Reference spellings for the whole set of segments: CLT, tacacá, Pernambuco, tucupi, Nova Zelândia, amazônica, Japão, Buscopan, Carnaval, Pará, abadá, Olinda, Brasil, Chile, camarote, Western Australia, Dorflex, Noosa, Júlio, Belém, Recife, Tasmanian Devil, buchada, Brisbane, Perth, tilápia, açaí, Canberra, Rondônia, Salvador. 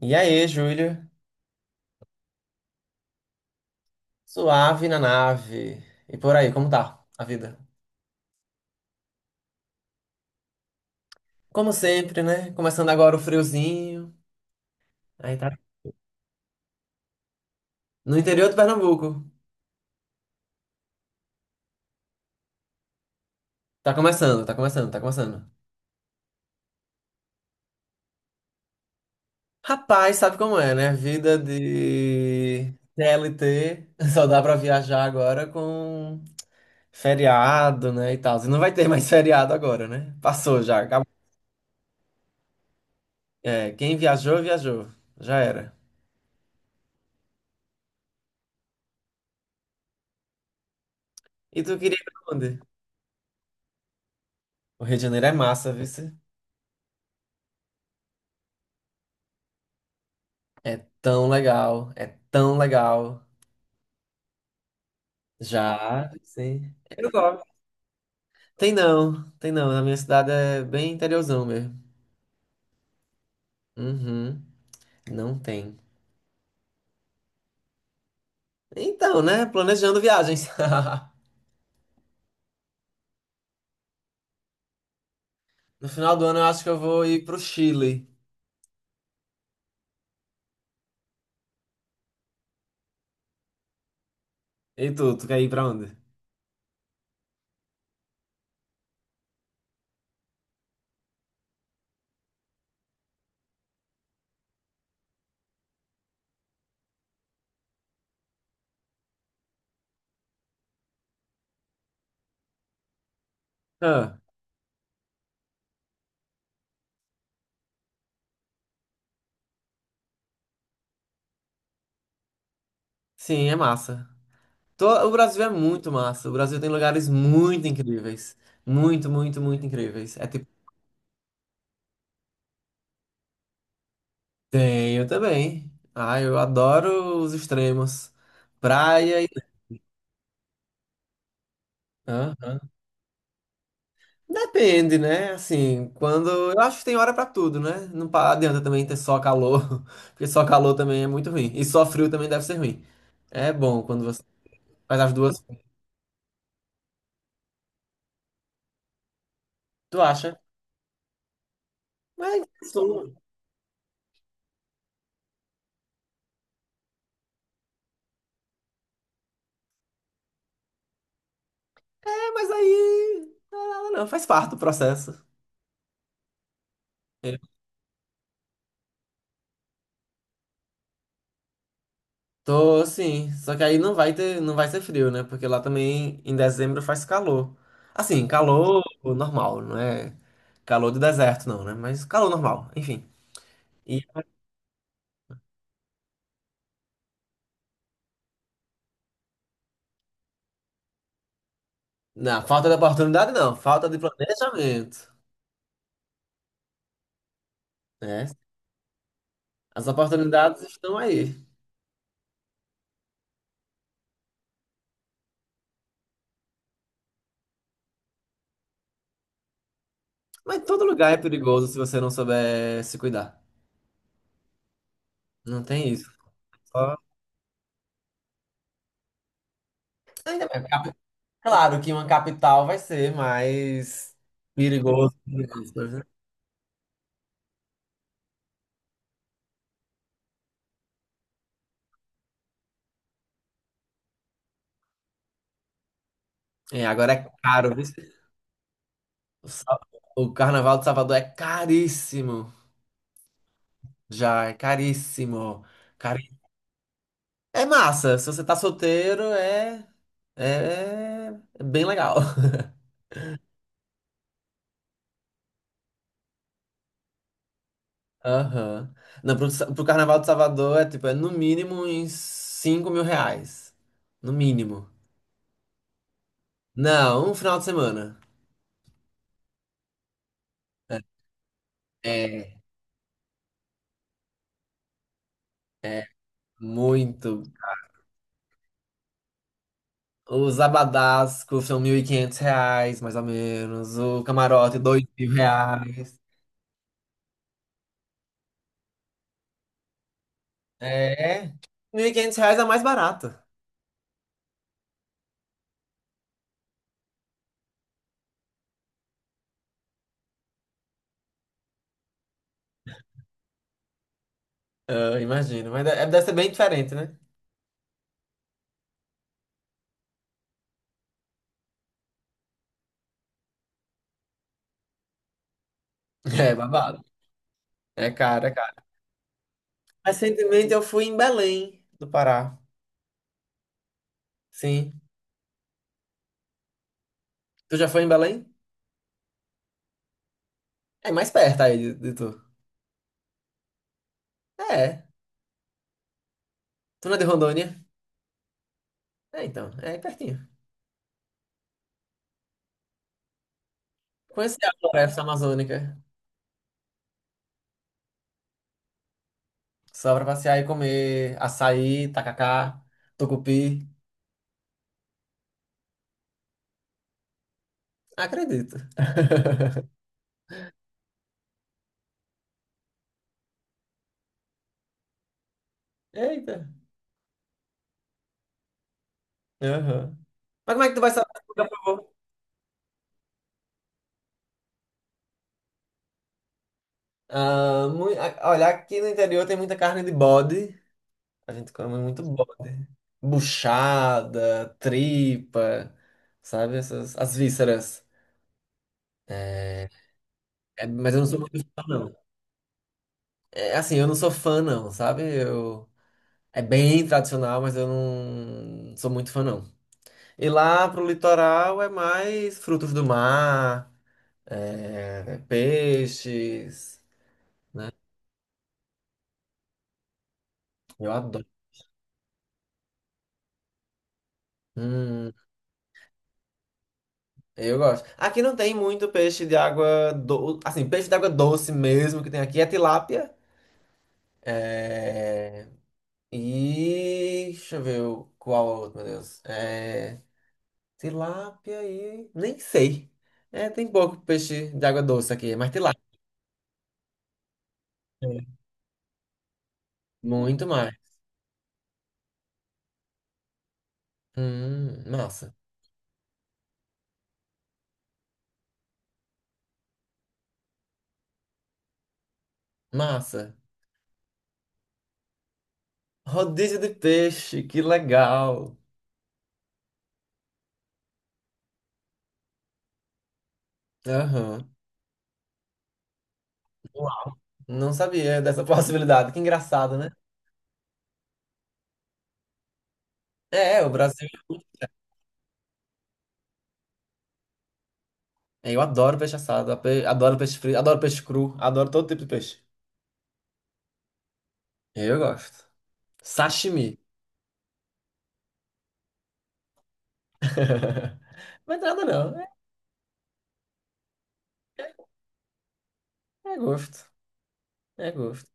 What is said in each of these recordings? E aí, Júlio? Suave na nave. E por aí, como tá a vida? Como sempre, né? Começando agora o friozinho. Aí tá. No interior do Pernambuco. Tá começando, tá começando, tá começando. Rapaz, sabe como é, né? Vida de CLT. Só dá pra viajar agora com feriado, né? E tal. E não vai ter mais feriado agora, né? Passou já, acabou. É, quem viajou, viajou. Já era. E tu queria ir pra onde? O Rio de Janeiro é massa, viu? É tão legal, é tão legal. Já, sim. Eu gosto. Tem não, tem não. Na minha cidade é bem interiorzão mesmo. Uhum, não tem. Então, né? Planejando viagens. No final do ano eu acho que eu vou ir pro Chile. E tu quer ir pra onde? Ah, sim, é massa. O Brasil é muito massa. O Brasil tem lugares muito incríveis. Muito, muito, muito incríveis. É tipo, tenho também. Ah, eu adoro os extremos. Praia. Aham. Depende, né? Assim, quando. Eu acho que tem hora pra tudo, né? Não adianta também ter só calor, porque só calor também é muito ruim. E só frio também deve ser ruim. É bom quando você faz as duas. Tu acha? Mas, é, mas aí. Não, é nada não, faz parte do processo. Eu tô, sim. Só que aí não vai ter, não vai ser frio, né? Porque lá também em dezembro faz calor. Assim, calor normal, não é calor do deserto, não, né? Mas calor normal, enfim. Não, falta de oportunidade não, falta de planejamento, né? As oportunidades estão aí. Mas todo lugar é perigoso se você não souber se cuidar. Não tem isso. Só- Ainda bem, claro que uma capital vai ser mais perigoso, entre aspas, né? É, agora é caro, viu? O Sa- o Carnaval de Salvador é caríssimo. Já, é caríssimo. Cari... É massa, se você tá solteiro, é é bem legal. Aham. Não, pro Carnaval de Salvador é tipo, é no mínimo uns R$ 5.000. No mínimo. Não, um final de semana. É, é muito. Os abadás custam R$ 1.500, mais ou menos. O camarote, R$ 2.000. É, R$ 1.500 é mais barato. Eu imagino, mas deve ser bem diferente, né? É, babado. É caro, é caro. Recentemente eu fui em Belém, do Pará. Sim. Tu já foi em Belém? É mais perto aí de tu. É. Tu não é de Rondônia? É, então. É aí pertinho. Conhecer a floresta amazônica. Só pra passear e comer açaí, tacacá, tucupi. Acredito. Eita. Aham. Mas como é que tu vai saber se tu já provou? Ah, olha, aqui no interior tem muita carne de bode. A gente come muito bode. Buchada, tripa, sabe? Essas, as vísceras. É, mas eu não sou muito fã, não. É, assim, eu não sou fã, não, sabe? Eu... É bem tradicional, mas eu não sou muito fã, não. E lá pro litoral é mais frutos do mar, é, peixes, né? Eu adoro. Hum, eu gosto. Aqui não tem muito peixe de água assim, peixe de água doce mesmo que tem aqui é tilápia. É... E deixa eu ver qual outro, meu Deus. É... Tilápia e. Nem sei. É, tem pouco peixe de água doce aqui, mas tilápia. Né? Muito mais. Massa. Massa. Rodízio de peixe, que legal. Aham. Uau. Não sabia dessa possibilidade. Que engraçado, né? É, o Brasil. É, eu adoro peixe assado, adoro peixe frito, adoro peixe cru, adoro todo tipo de peixe. Eu gosto. Sashimi. Não é nada, não. É, é gosto. É gosto.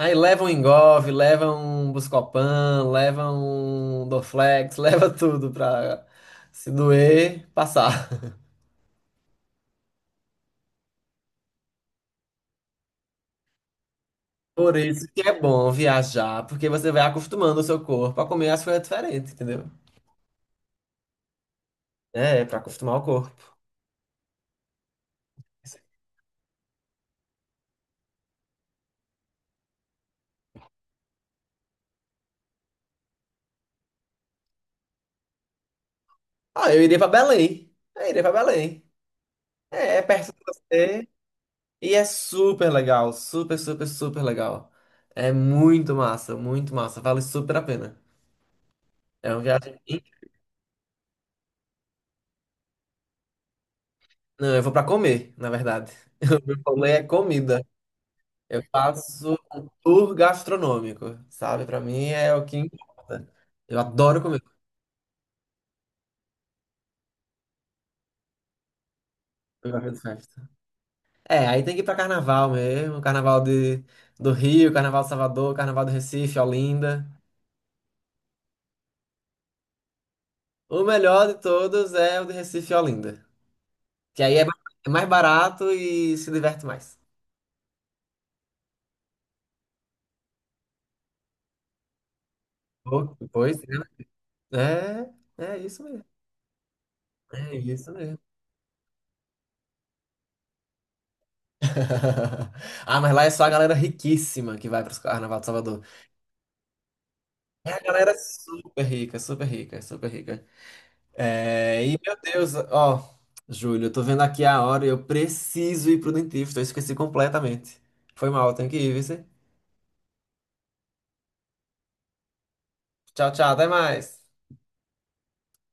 Aí leva um Engov, leva um Buscopan, leva um Dorflex, leva tudo pra se doer, passar. Por isso que é bom viajar, porque você vai acostumando o seu corpo a comer as coisas diferentes, entendeu? É, pra acostumar o corpo. Ah, eu iria pra Belém. Eu iria pra Belém. É, perto de você e é super legal, super, super, super legal. É muito massa, vale super a pena. É uma viagem. Não, eu vou pra comer, na verdade. O meu rolê é comida. Eu faço um tour gastronômico, sabe? Pra mim é o que importa. Eu adoro comer. Eu gosto de festa. É, aí tem que ir pra carnaval mesmo, carnaval de, do Rio, carnaval de Salvador, carnaval do Recife, Olinda. O melhor de todos é o de Recife e Olinda, que aí é mais barato e se diverte mais. Pô, pois é, né? É, isso mesmo. É isso mesmo. Ah, mas lá é só a galera riquíssima que vai para o Carnaval de Salvador. É a galera super rica, super rica, super rica. É, e meu Deus, ó, Júlio, eu tô vendo aqui a hora e eu preciso ir pro dentista, eu esqueci completamente. Foi mal, tenho que ir, viu? Cê? Tchau, tchau, até mais.